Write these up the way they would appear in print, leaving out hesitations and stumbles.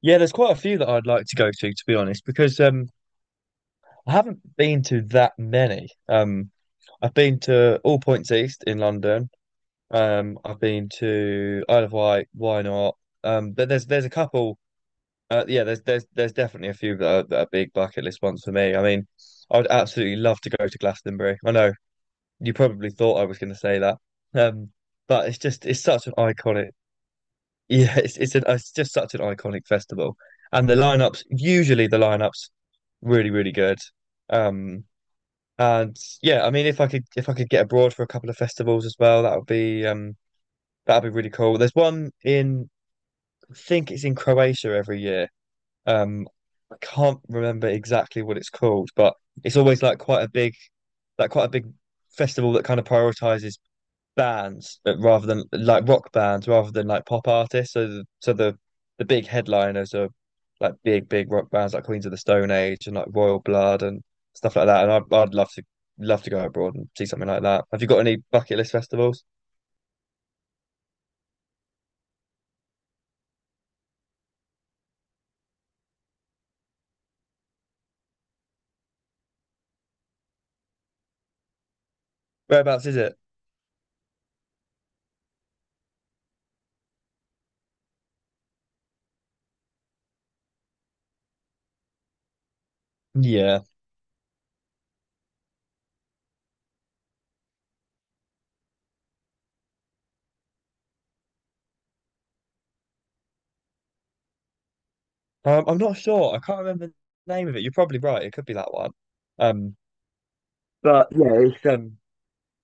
Yeah, there's quite a few that I'd like to go to be honest, because I haven't been to that many. I've been to All Points East in London. I've been to Isle of Wight, why not? But there's a couple. Yeah, there's definitely a few that are big bucket list ones for me. I mean, I'd absolutely love to go to Glastonbury. I know you probably thought I was going to say that, um, but it's such an iconic. Yeah, it's just such an iconic festival, and the lineups usually the lineups really, really good. Um, and Yeah, I mean, if I could get abroad for a couple of festivals as well, that would be, that'd be really cool. There's one in I think it's in Croatia every year. Um, I can't remember exactly what it's called, but it's always like quite a big festival that kind of prioritizes bands rather than like rock bands rather than like pop artists. So the big headliners are like big big rock bands like Queens of the Stone Age and like Royal Blood and stuff like that. And I'd love to go abroad and see something like that. Have you got any bucket list festivals? Whereabouts is it? Yeah, I'm not sure. I can't remember the name of it. You're probably right. It could be that one. Um, but yeah, it's.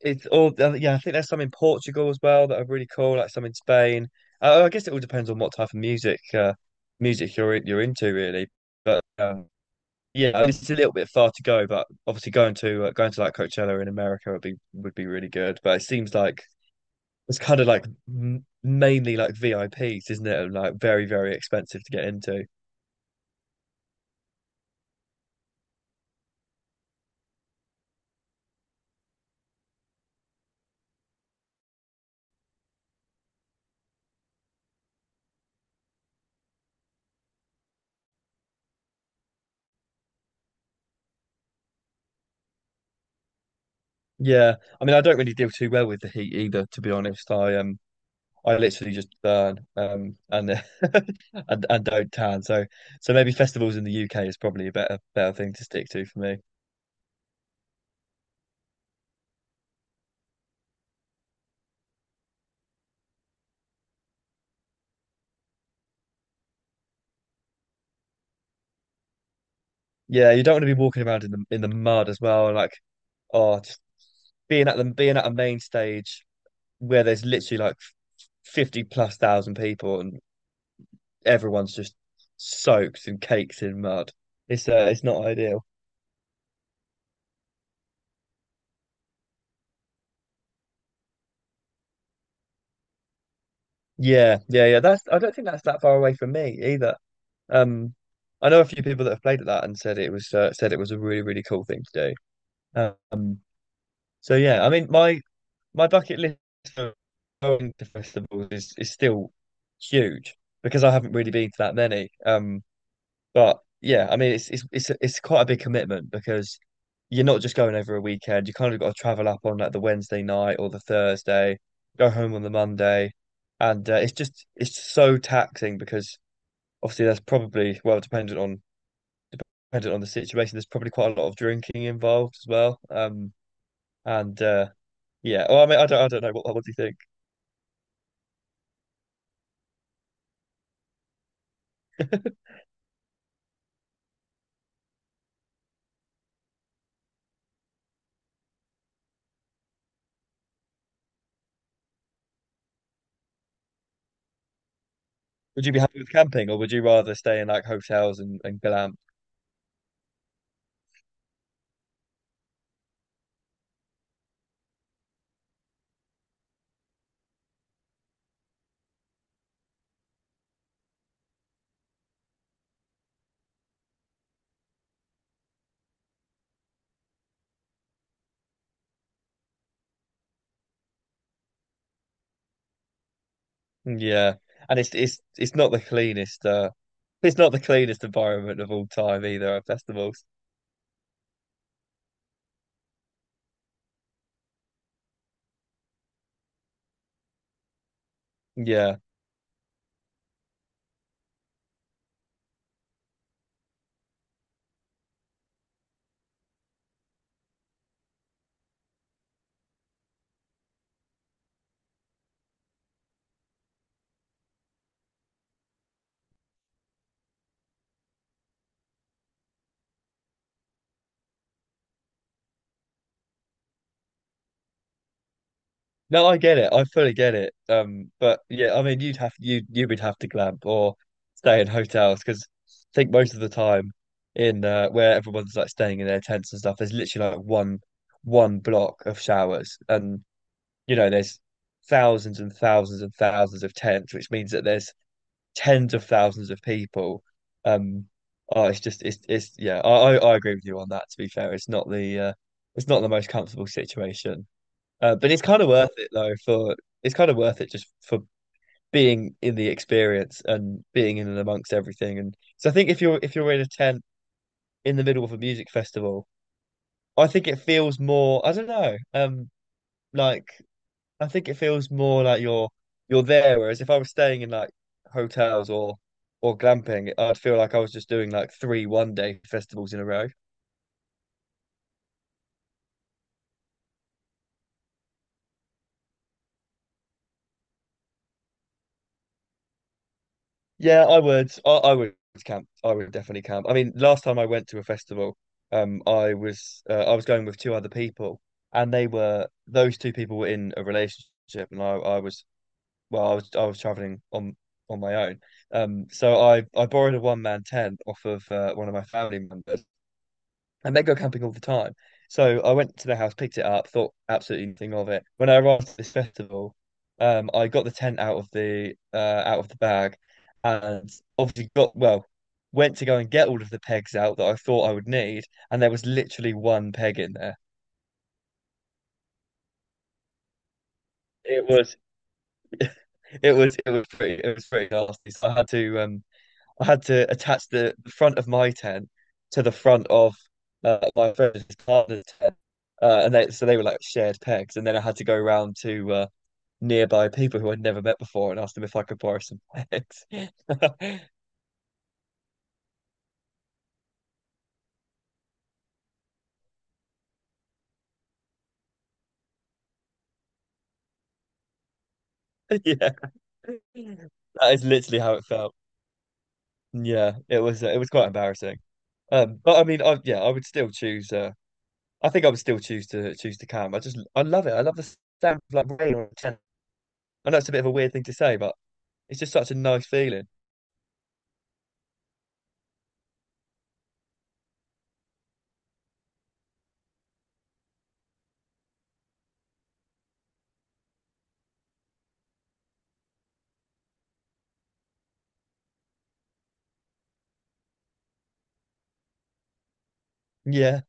It's all, I yeah, I think there's some in Portugal as well that are really cool, like some in Spain. Oh, I guess it all depends on what type of music you're into, really. But yeah, I mean, it's a little bit far to go, but obviously going to like Coachella in America would be really good. But it seems like it's kind of like m mainly like VIPs, isn't it? And, like very, very expensive to get into. Yeah, I mean, I don't really deal too well with the heat either, to be honest. I literally just burn and and don't tan. So maybe festivals in the UK is probably a better thing to stick to for me. Yeah, you don't want to be walking around in the mud as well, and like oh, just being at a main stage where there's literally like 50 plus thousand people and everyone's just soaked and caked in mud. It's not ideal. Yeah, yeah, yeah. That's I don't think that's that far away from me either. Um, I know a few people that have played at that and said it was a really really cool thing to do. Um, so yeah, I mean my bucket list for going to festivals is still huge because I haven't really been to that many. But yeah, I mean, it's quite a big commitment because you're not just going over a weekend. You kind of got to travel up on like the Wednesday night or the Thursday, go home on the Monday, and it's just so taxing because obviously there's probably well, dependent on the situation. There's probably quite a lot of drinking involved as well. And yeah, well, I mean, I don't know what do you think? Would you be happy with camping or would you rather stay in like hotels and glamp? Yeah, and it's not the cleanest. It's not the cleanest environment of all time either at festivals. Yeah, no, I get it. I fully get it. But yeah, I mean, you you would have to glamp or stay in hotels because I think most of the time in where everyone's like staying in their tents and stuff, there's literally like one block of showers, and you know there's thousands and thousands and thousands of tents, which means that there's tens of thousands of people. Um, oh, it's just it's yeah. I agree with you on that. To be fair, it's not the most comfortable situation, but it's kind of worth it though. For It's kind of worth it just for being in the experience and being in and amongst everything. And so I think if you're in a tent in the middle of a music festival, I think it feels more. I don't know. Like I think it feels more like you're there, whereas if I was staying in like hotels or glamping, I'd feel like I was just doing like 3 one-day festivals in a row. Yeah, I would. I would camp. I would definitely camp. I mean, last time I went to a festival, I was going with two other people, and they were those two people were in a relationship, and I was well, I was traveling on my own. So I borrowed a one man tent off of one of my family members and they go camping all the time. So I went to their house, picked it up, thought absolutely nothing of it. When I arrived at this festival, I got the tent out of the bag, and obviously got well, went to go and get all of the pegs out that I thought I would need, and there was literally one peg in there. It was, it was pretty nasty. So I had to attach the front of my tent to the front of my friend's partner's tent, and they so they were like shared pegs, and then I had to go around to nearby people who I'd never met before and ask them if I could borrow some pegs. Yeah, that is literally how it felt. Yeah, it was quite embarrassing. But I mean, I yeah, I would still choose. I think I would still choose to choose to camp. I love it. I love the sound of like rain on a tent. I know it's a bit of a weird thing to say, but it's just such a nice feeling. Yeah,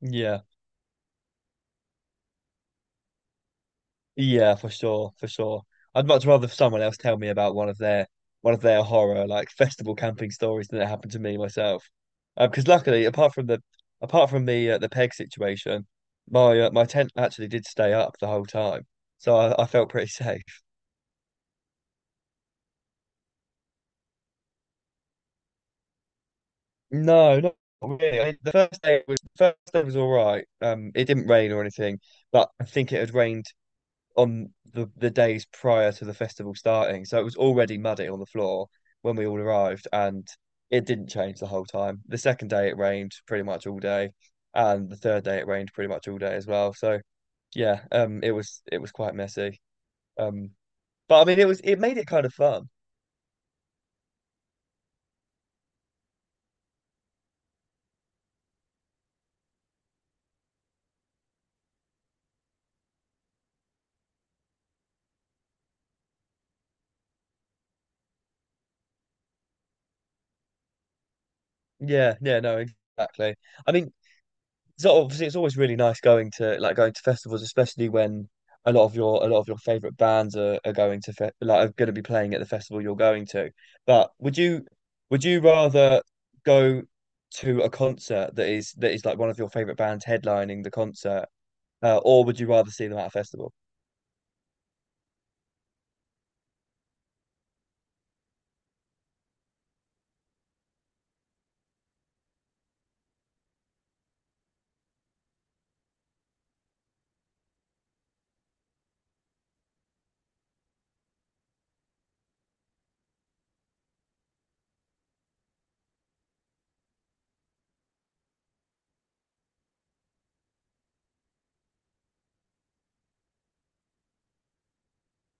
yeah, yeah, for sure, for sure. I'd much rather someone else tell me about one of their horror like festival camping stories than it happened to me myself. Because luckily, apart from the peg situation, my tent actually did stay up the whole time, so I felt pretty safe. No, not really. The first day was all right. It didn't rain or anything, but I think it had rained on the days prior to the festival starting. So it was already muddy on the floor when we all arrived, and it didn't change the whole time. The second day it rained pretty much all day, and the third day it rained pretty much all day as well. So yeah, it was quite messy. Um, but I mean, it was it made it kind of fun. Yeah, yeah, no, exactly. I mean, so obviously, it's always really nice going to like going to festivals, especially when a lot of your favorite bands are going to fe like are going to be playing at the festival you're going to. But would you rather go to a concert that is like one of your favorite bands headlining the concert, or would you rather see them at a festival?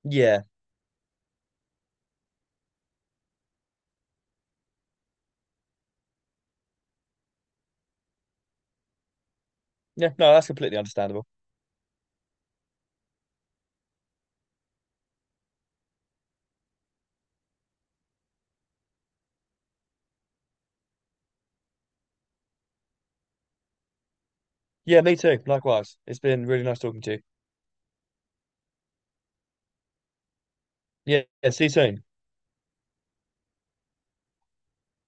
Yeah, yeah, no, that's completely understandable. Yeah, me too. Likewise, it's been really nice talking to you. Yeah, yeah, see you soon.